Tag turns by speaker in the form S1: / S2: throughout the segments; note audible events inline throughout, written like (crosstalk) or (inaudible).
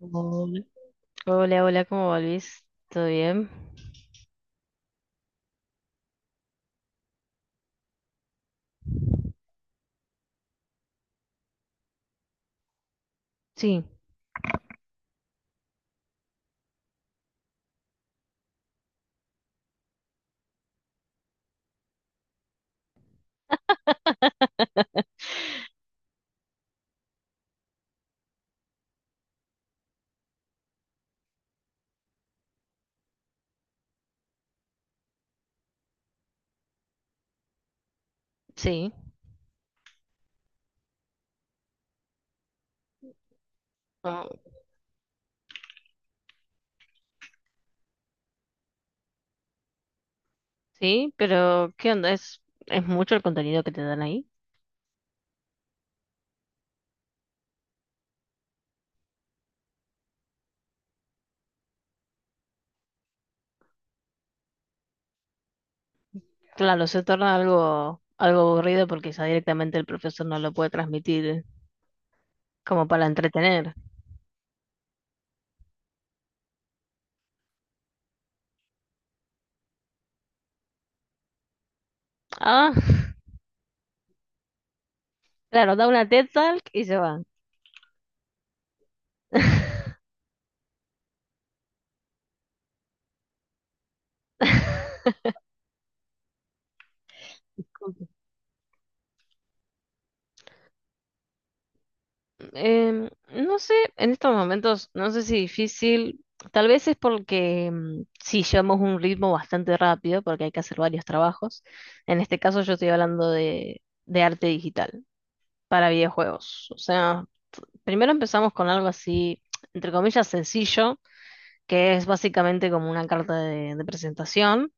S1: Hola, hola, ¿cómo va Luis? ¿Todo bien? Sí, sí, ah, sí, pero ¿qué onda? ¿Es mucho el contenido que te dan ahí? Claro, se torna algo aburrido porque ya directamente el profesor no lo puede transmitir como para entretener. Ah, (laughs) claro, da una TED Talk y se va. (laughs) (laughs) No sé, en estos momentos, no sé si difícil, tal vez es porque sí llevamos un ritmo bastante rápido, porque hay que hacer varios trabajos. En este caso yo estoy hablando de arte digital para videojuegos. O sea, primero empezamos con algo así, entre comillas, sencillo, que es básicamente como una carta de presentación,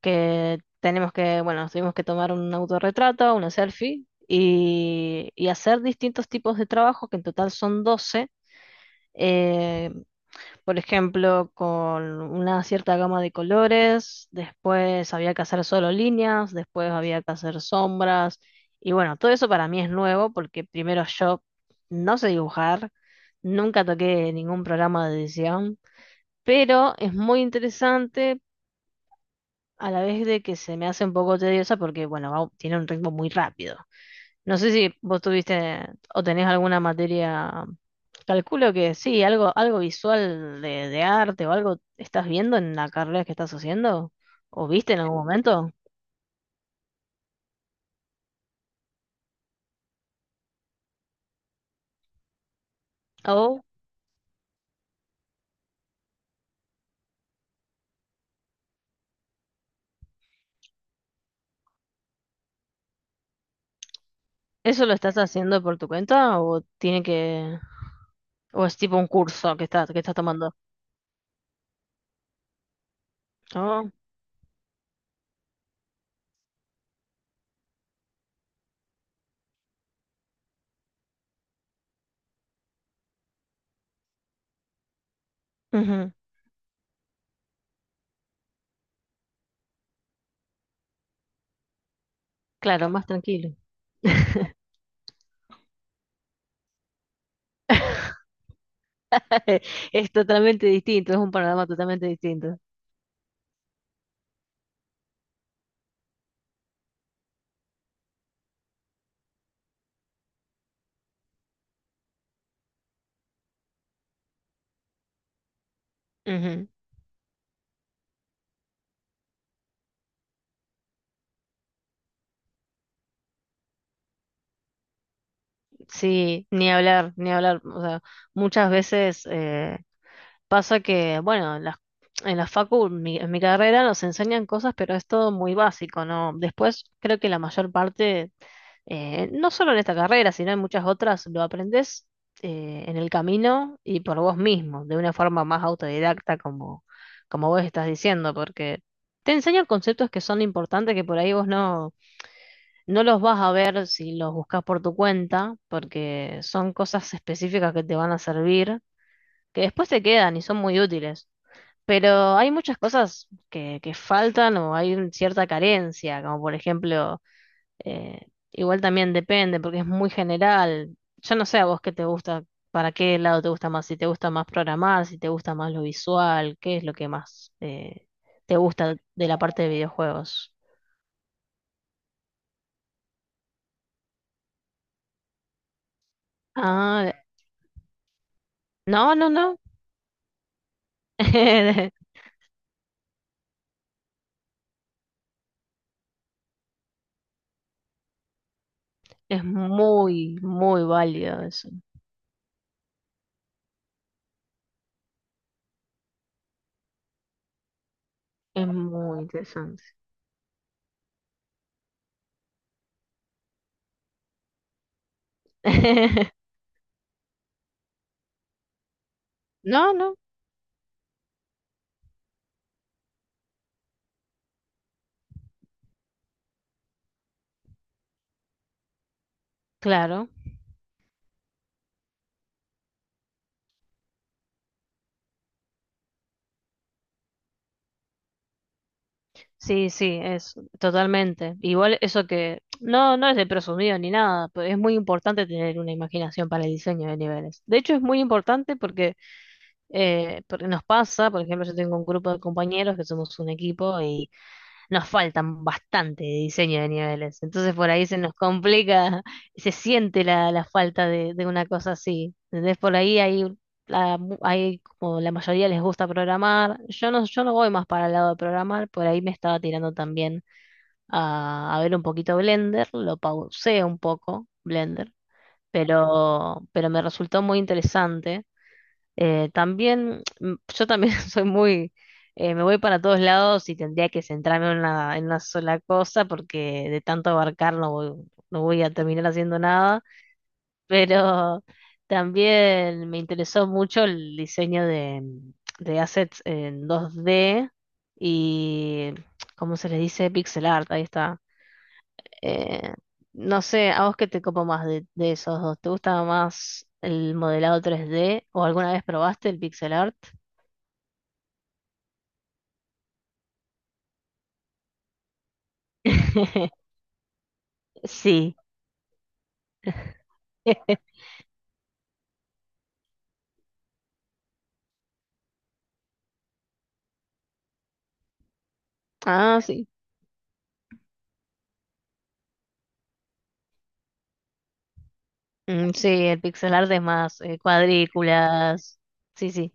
S1: que tenemos que, bueno, nos tuvimos que tomar un autorretrato, una selfie. Y hacer distintos tipos de trabajos, que en total son 12 eh, por ejemplo, con una cierta gama de colores, después había que hacer solo líneas, después había que hacer sombras, y bueno, todo eso para mí es nuevo porque primero yo no sé dibujar, nunca toqué ningún programa de edición, pero es muy interesante a la vez de que se me hace un poco tediosa porque, bueno, tiene un ritmo muy rápido. No sé si vos tuviste o tenés alguna materia, calculo que sí, algo visual de arte o algo estás viendo en la carrera que estás haciendo o viste en algún momento. ¿O eso lo estás haciendo por tu cuenta o tiene que, o es tipo un curso que estás tomando? Oh, ujú. Claro, más tranquilo. (laughs) Es totalmente distinto, es un panorama totalmente distinto. Ujú. Sí, ni hablar, ni hablar. O sea, muchas veces... pasa que, bueno, en la facu, en mi carrera nos enseñan cosas, pero es todo muy básico, ¿no? Después creo que la mayor parte, no solo en esta carrera, sino en muchas otras, lo aprendes en el camino y por vos mismo, de una forma más autodidacta, como, como vos estás diciendo, porque te enseñan conceptos que son importantes que por ahí vos no, no los vas a ver si los buscas por tu cuenta, porque son cosas específicas que te van a servir, que después te quedan y son muy útiles. Pero hay muchas cosas que faltan o hay cierta carencia, como por ejemplo, eh, igual también depende porque es muy general. Yo no sé a vos qué te gusta, para qué lado te gusta más, si te gusta más programar, si te gusta más lo visual, qué es lo que más te gusta de la parte de videojuegos. Ah, no, no, no. (laughs) Es muy, muy válido eso. Es muy interesante. (laughs) No, no, claro. Sí, sí, es totalmente. Igual eso que no, no es de presumido ni nada, pero es muy importante tener una imaginación para el diseño de niveles. De hecho, es muy importante porque, porque nos pasa, por ejemplo, yo tengo un grupo de compañeros que somos un equipo, nos faltan bastante de diseño de niveles. Entonces por ahí se nos complica, (laughs) se siente la falta de una cosa así. Entonces por ahí hay, la, hay como la mayoría les gusta programar. Yo no, yo no voy más para el lado de programar, por ahí me estaba tirando también a ver un poquito Blender, lo pausé un poco, Blender, pero me resultó muy interesante. También, yo también (laughs) soy muy, me voy para todos lados y tendría que centrarme en una sola cosa porque de tanto abarcar no voy a terminar haciendo nada, pero (laughs) también me interesó mucho el diseño de assets en 2D y, ¿cómo se les dice? Pixel art, ahí está. Eh, no sé, ¿a vos qué te copa más de esos dos? ¿Te gusta más el modelado 3D o alguna vez probaste el pixel art? (laughs) Sí. (laughs) Ah, sí. Mm, sí, el pixel art es más cuadrículas. Sí, sí.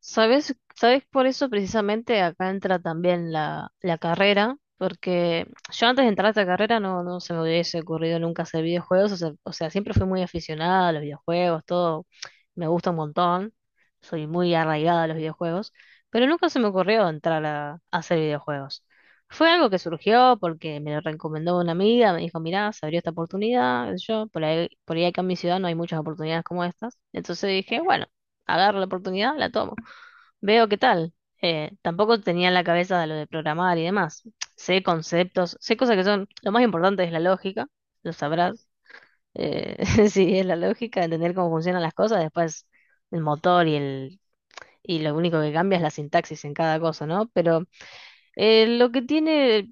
S1: ¿Sabes? ¿Sabes? Por eso precisamente acá entra también la carrera, porque yo antes de entrar a esta carrera no, no se me hubiese ocurrido nunca hacer videojuegos, o sea, siempre fui muy aficionada a los videojuegos, todo me gusta un montón, soy muy arraigada a los videojuegos, pero nunca se me ocurrió entrar a hacer videojuegos. Fue algo que surgió porque me lo recomendó una amiga, me dijo, mirá, se abrió esta oportunidad, qué sé yo por ahí acá en mi ciudad no hay muchas oportunidades como estas, entonces dije, bueno, agarro la oportunidad, la tomo. Veo qué tal. Tampoco tenía en la cabeza lo de programar y demás. Sé conceptos, sé cosas que son... Lo más importante es la lógica, lo sabrás. Eh, (laughs) sí, es la lógica, entender cómo funcionan las cosas, después el motor y el... Y lo único que cambia es la sintaxis en cada cosa, ¿no? Pero lo que tiene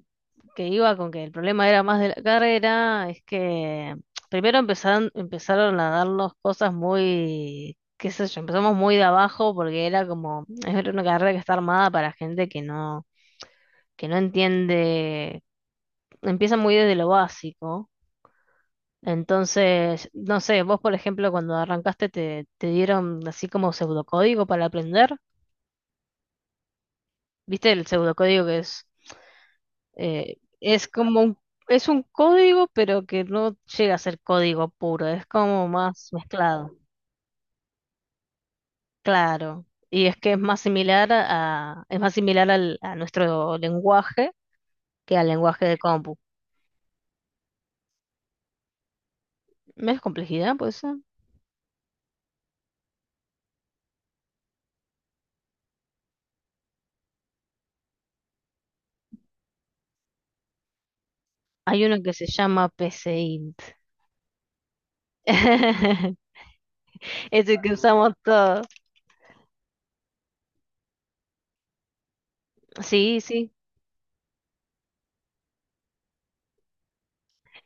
S1: que iba con que el problema era más de la carrera, es que primero empezaron a darnos cosas muy, qué sé yo, empezamos muy de abajo porque era como, (sniffs) es una carrera que está armada para gente que no entiende, empieza muy desde lo básico. Entonces, no sé, vos por ejemplo cuando arrancaste te dieron así como pseudocódigo para aprender, ¿viste el pseudocódigo que es como es un código, pero que no llega a ser código puro, es como más mezclado. Claro. Y es que es más similar a, es más similar a nuestro lenguaje que al lenguaje de compu. Menos complejidad, puede ser. Hay uno que se llama PCInt. (laughs) Ese que usamos todos. Sí, sí.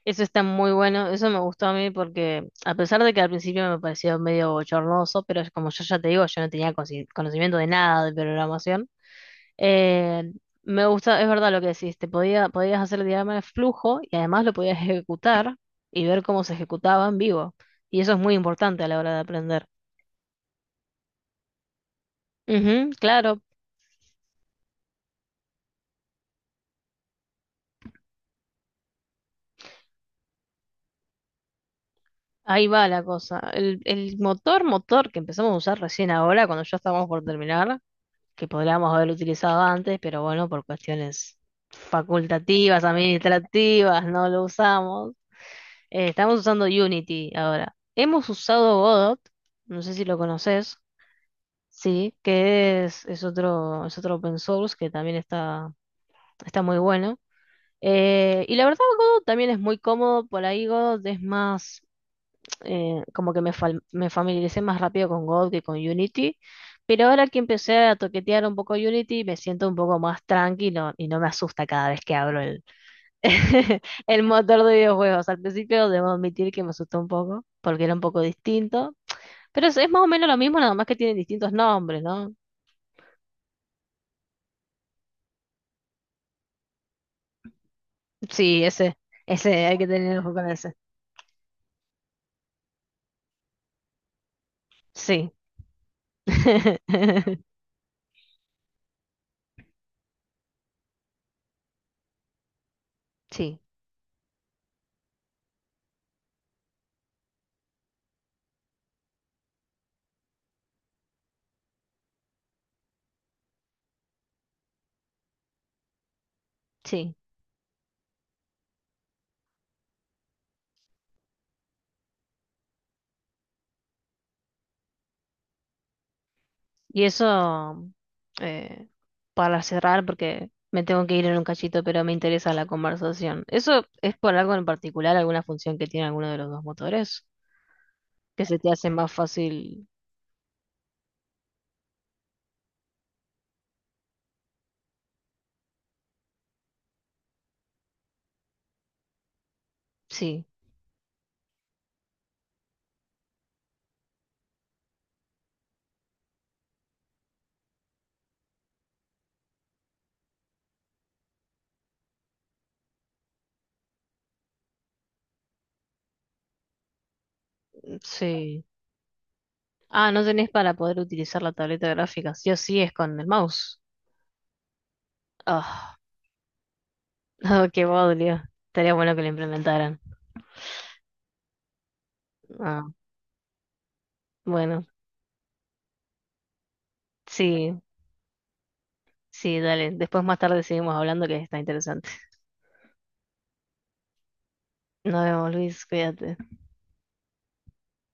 S1: Eso está muy bueno, eso me gustó a mí porque a pesar de que al principio me pareció medio bochornoso, pero es como yo ya te digo, yo no tenía conocimiento de nada de programación, eh, me gusta, es verdad lo que decís, te podía, podías hacer el diagrama de flujo y además lo podías ejecutar y ver cómo se ejecutaba en vivo. Y eso es muy importante a la hora de aprender. Ujú, claro, ahí va la cosa. El motor, motor que empezamos a usar recién ahora, cuando ya estábamos por terminar. Que podríamos haber utilizado antes, pero bueno, por cuestiones facultativas, administrativas, no lo usamos. Estamos usando Unity ahora. Hemos usado Godot, no sé si lo conoces, sí, que es otro open source que también está, está muy bueno. Y la verdad, Godot también es muy cómodo, por ahí Godot es más como que me, me familiaricé más rápido con God que con Unity, pero ahora que empecé a toquetear un poco Unity, me siento un poco más tranquilo y no me asusta cada vez que abro el, (laughs) el motor de videojuegos. Al principio debo admitir que me asustó un poco, porque era un poco distinto, pero es más o menos lo mismo, nada más que tienen distintos nombres, ¿no? Sí, ese, hay que tener ojo con ese. Sí. (laughs) Sí, sí. Y eso, eh, para cerrar, porque me tengo que ir en un cachito, pero me interesa la conversación. ¿Eso es por algo en particular, alguna función que tiene alguno de los dos motores? Que se te hace más fácil. Sí, sí. Ah, no tenés para poder utilizar la tableta gráfica. Sí o sí es con el mouse. Ah, (laughs) qué bodrio. Estaría bueno que lo implementaran. Ah, bueno, sí, sí, dale. Después más tarde seguimos hablando que está interesante. Nos vemos, Luis, cuídate.